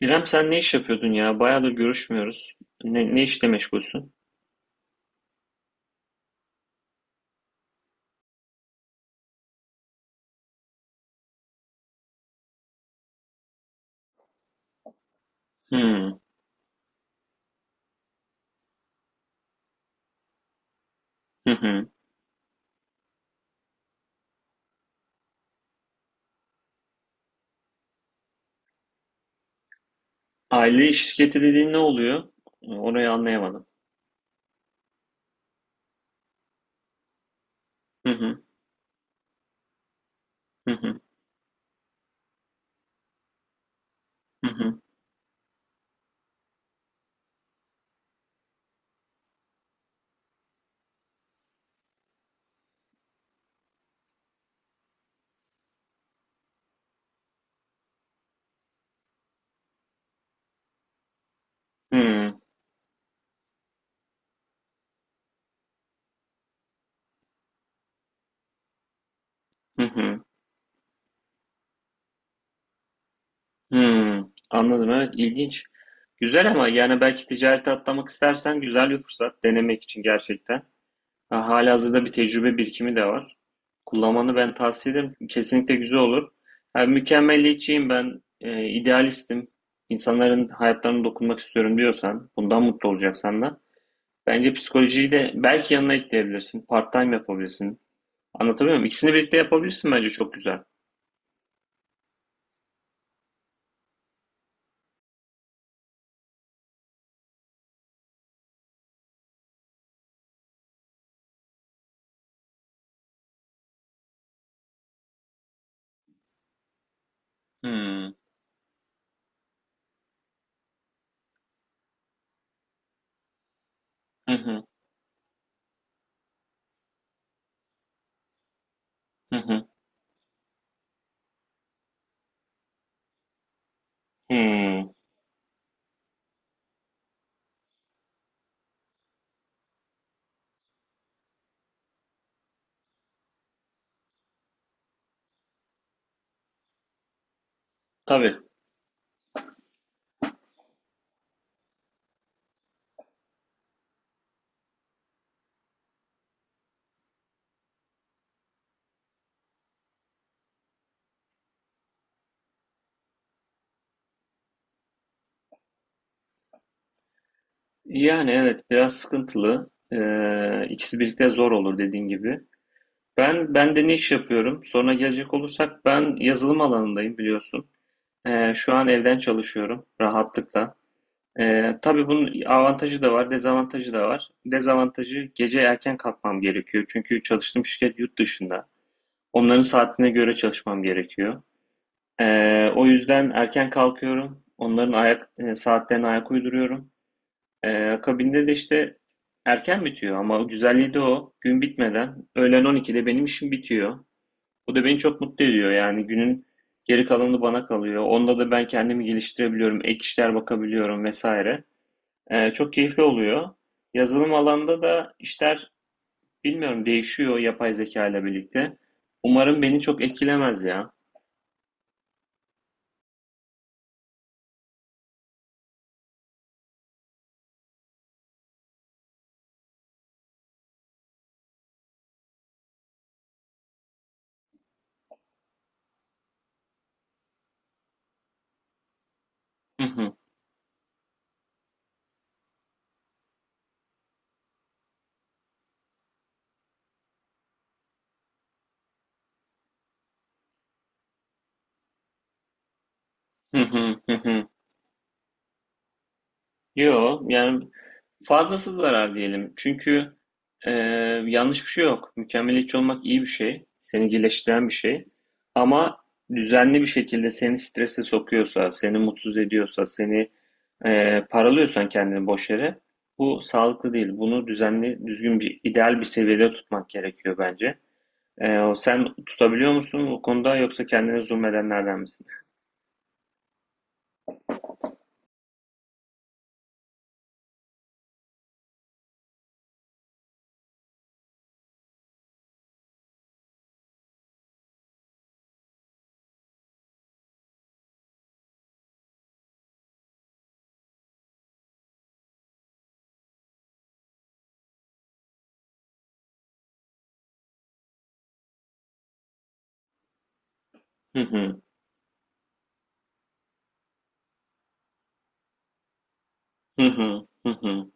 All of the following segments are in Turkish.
İrem sen ne iş yapıyordun ya? Bayağıdır görüşmüyoruz. Ne işle meşgulsün? Hmm. Hı hı. Aile şirketi dediğin ne oluyor? Orayı anlayamadım. Hı hı. Hı hı. Hı hı. Hı hı. Hı hı. Anladım, evet, ilginç. Güzel, ama yani belki ticarete atlamak istersen güzel bir fırsat denemek için gerçekten. Ha, halihazırda bir tecrübe birikimi de var. Kullanmanı ben tavsiye ederim. Kesinlikle güzel olur. Ha, mükemmeliyetçiyim ben, idealistim. İnsanların hayatlarına dokunmak istiyorum diyorsan, bundan mutlu olacaksan da bence psikolojiyi de belki yanına ekleyebilirsin. Part-time yapabilirsin. Anlatabiliyor muyum? İkisini birlikte yapabilirsin, bence çok güzel. Hmm. Hı hı, hı hı, hmm. Tabii. Yani evet, biraz sıkıntılı. İkisi birlikte zor olur dediğin gibi. Ben de ne iş yapıyorum? Sonra gelecek olursak ben yazılım alanındayım, biliyorsun. Şu an evden çalışıyorum rahatlıkla. Tabii bunun avantajı da var, dezavantajı da var. Dezavantajı gece erken kalkmam gerekiyor. Çünkü çalıştığım şirket yurt dışında. Onların saatine göre çalışmam gerekiyor. O yüzden erken kalkıyorum. Onların ayak saatlerine ayak uyduruyorum. Akabinde de işte erken bitiyor, ama güzelliği de o. Gün bitmeden öğlen 12'de benim işim bitiyor. Bu da beni çok mutlu ediyor. Yani günün geri kalanı bana kalıyor. Onda da ben kendimi geliştirebiliyorum, ek işler bakabiliyorum vesaire. Çok keyifli oluyor. Yazılım alanda da işler bilmiyorum, değişiyor yapay zeka ile birlikte. Umarım beni çok etkilemez ya. Hı hı, hı hı. Yok yani, fazlası zarar diyelim. Çünkü e, yanlış bir şey yok. Mükemmeliyetçi olmak iyi bir şey. Seni iyileştiren bir şey. Ama düzenli bir şekilde seni strese sokuyorsa, seni mutsuz ediyorsa, seni paralıyorsan kendini boş yere, bu sağlıklı değil. Bunu düzenli, düzgün bir, ideal bir seviyede tutmak gerekiyor bence. Sen tutabiliyor musun bu konuda, yoksa kendine zulmedenlerden misin? Hı hı, hı hı, hı hı,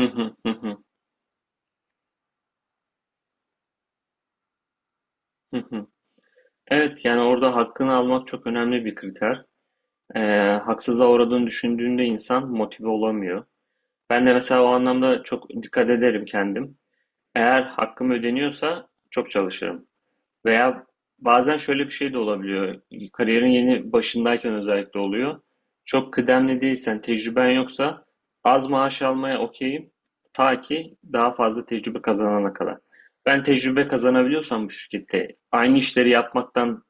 hı hı, hı hı, hı hı. Evet, yani orada hakkını almak çok önemli bir kriter. Ee, haksızlığa uğradığını düşündüğünde insan motive olamıyor. Ben de mesela o anlamda çok dikkat ederim kendim. Eğer hakkım ödeniyorsa çok çalışırım. Veya bazen şöyle bir şey de olabiliyor. Kariyerin yeni başındayken özellikle oluyor. Çok kıdemli değilsen, tecrüben yoksa az maaş almaya okeyim. Ta ki daha fazla tecrübe kazanana kadar. Ben tecrübe kazanabiliyorsam bu şirkette aynı işleri yapmaktan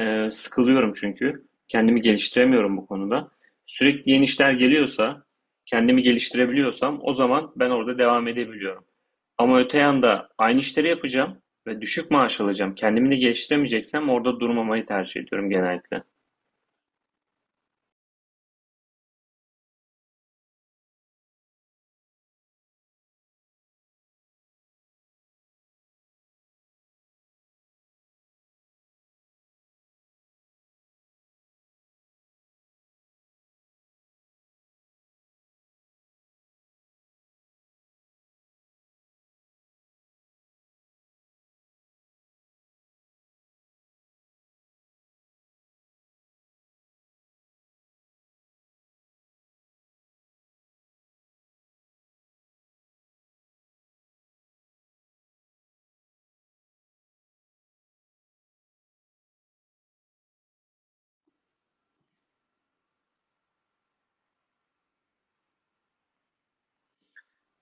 sıkılıyorum çünkü. Kendimi geliştiremiyorum bu konuda. Sürekli yeni işler geliyorsa, kendimi geliştirebiliyorsam o zaman ben orada devam edebiliyorum. Ama öte yanda aynı işleri yapacağım ve düşük maaş alacağım. Kendimi de geliştiremeyeceksem orada durmamayı tercih ediyorum genellikle.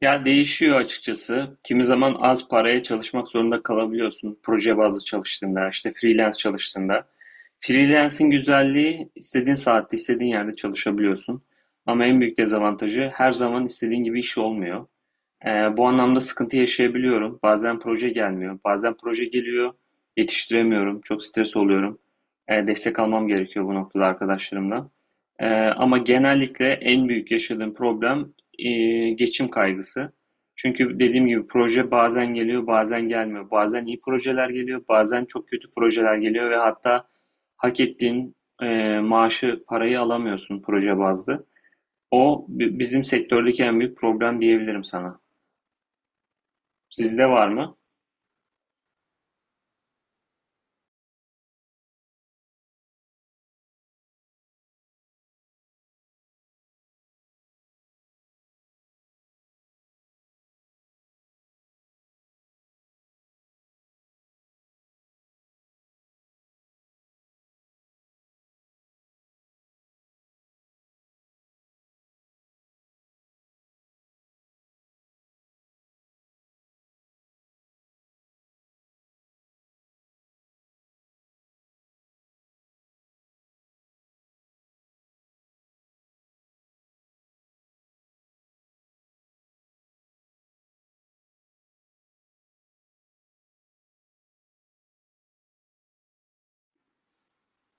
Ya değişiyor açıkçası. Kimi zaman az paraya çalışmak zorunda kalabiliyorsun. Proje bazlı çalıştığında, işte freelance çalıştığında. Freelance'in güzelliği istediğin saatte, istediğin yerde çalışabiliyorsun. Ama en büyük dezavantajı her zaman istediğin gibi iş olmuyor. Bu anlamda sıkıntı yaşayabiliyorum. Bazen proje gelmiyor, bazen proje geliyor, yetiştiremiyorum, çok stres oluyorum. Destek almam gerekiyor bu noktada arkadaşlarımdan. Eee, Ama genellikle en büyük yaşadığım problem geçim kaygısı. Çünkü dediğim gibi proje bazen geliyor, bazen gelmiyor. Bazen iyi projeler geliyor, bazen çok kötü projeler geliyor ve hatta hak ettiğin maaşı, parayı alamıyorsun proje bazlı. Bizim sektördeki en büyük problem diyebilirim sana. Sizde var mı?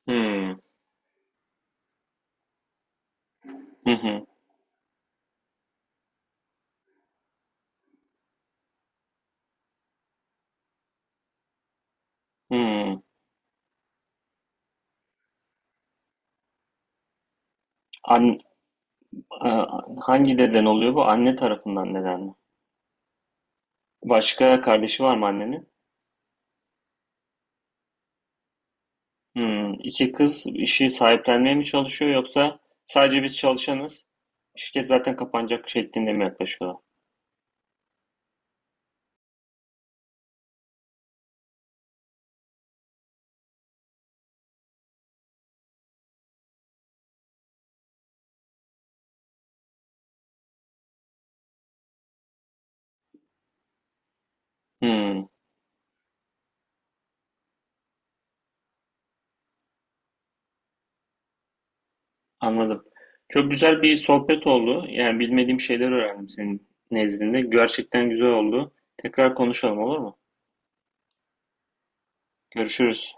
Hımm. Hı hı. Hımm. An a hangi deden oluyor bu? Anne tarafından deden mi? Başka kardeşi var mı annenin? Hımm. 2 kız işi sahiplenmeye mi çalışıyor, yoksa sadece biz çalışanız, şirket zaten kapanacak şeklinde mi yaklaşıyorlar? Hımm. Anladım. Çok güzel bir sohbet oldu. Yani bilmediğim şeyler öğrendim senin nezdinde. Gerçekten güzel oldu. Tekrar konuşalım, olur mu? Görüşürüz.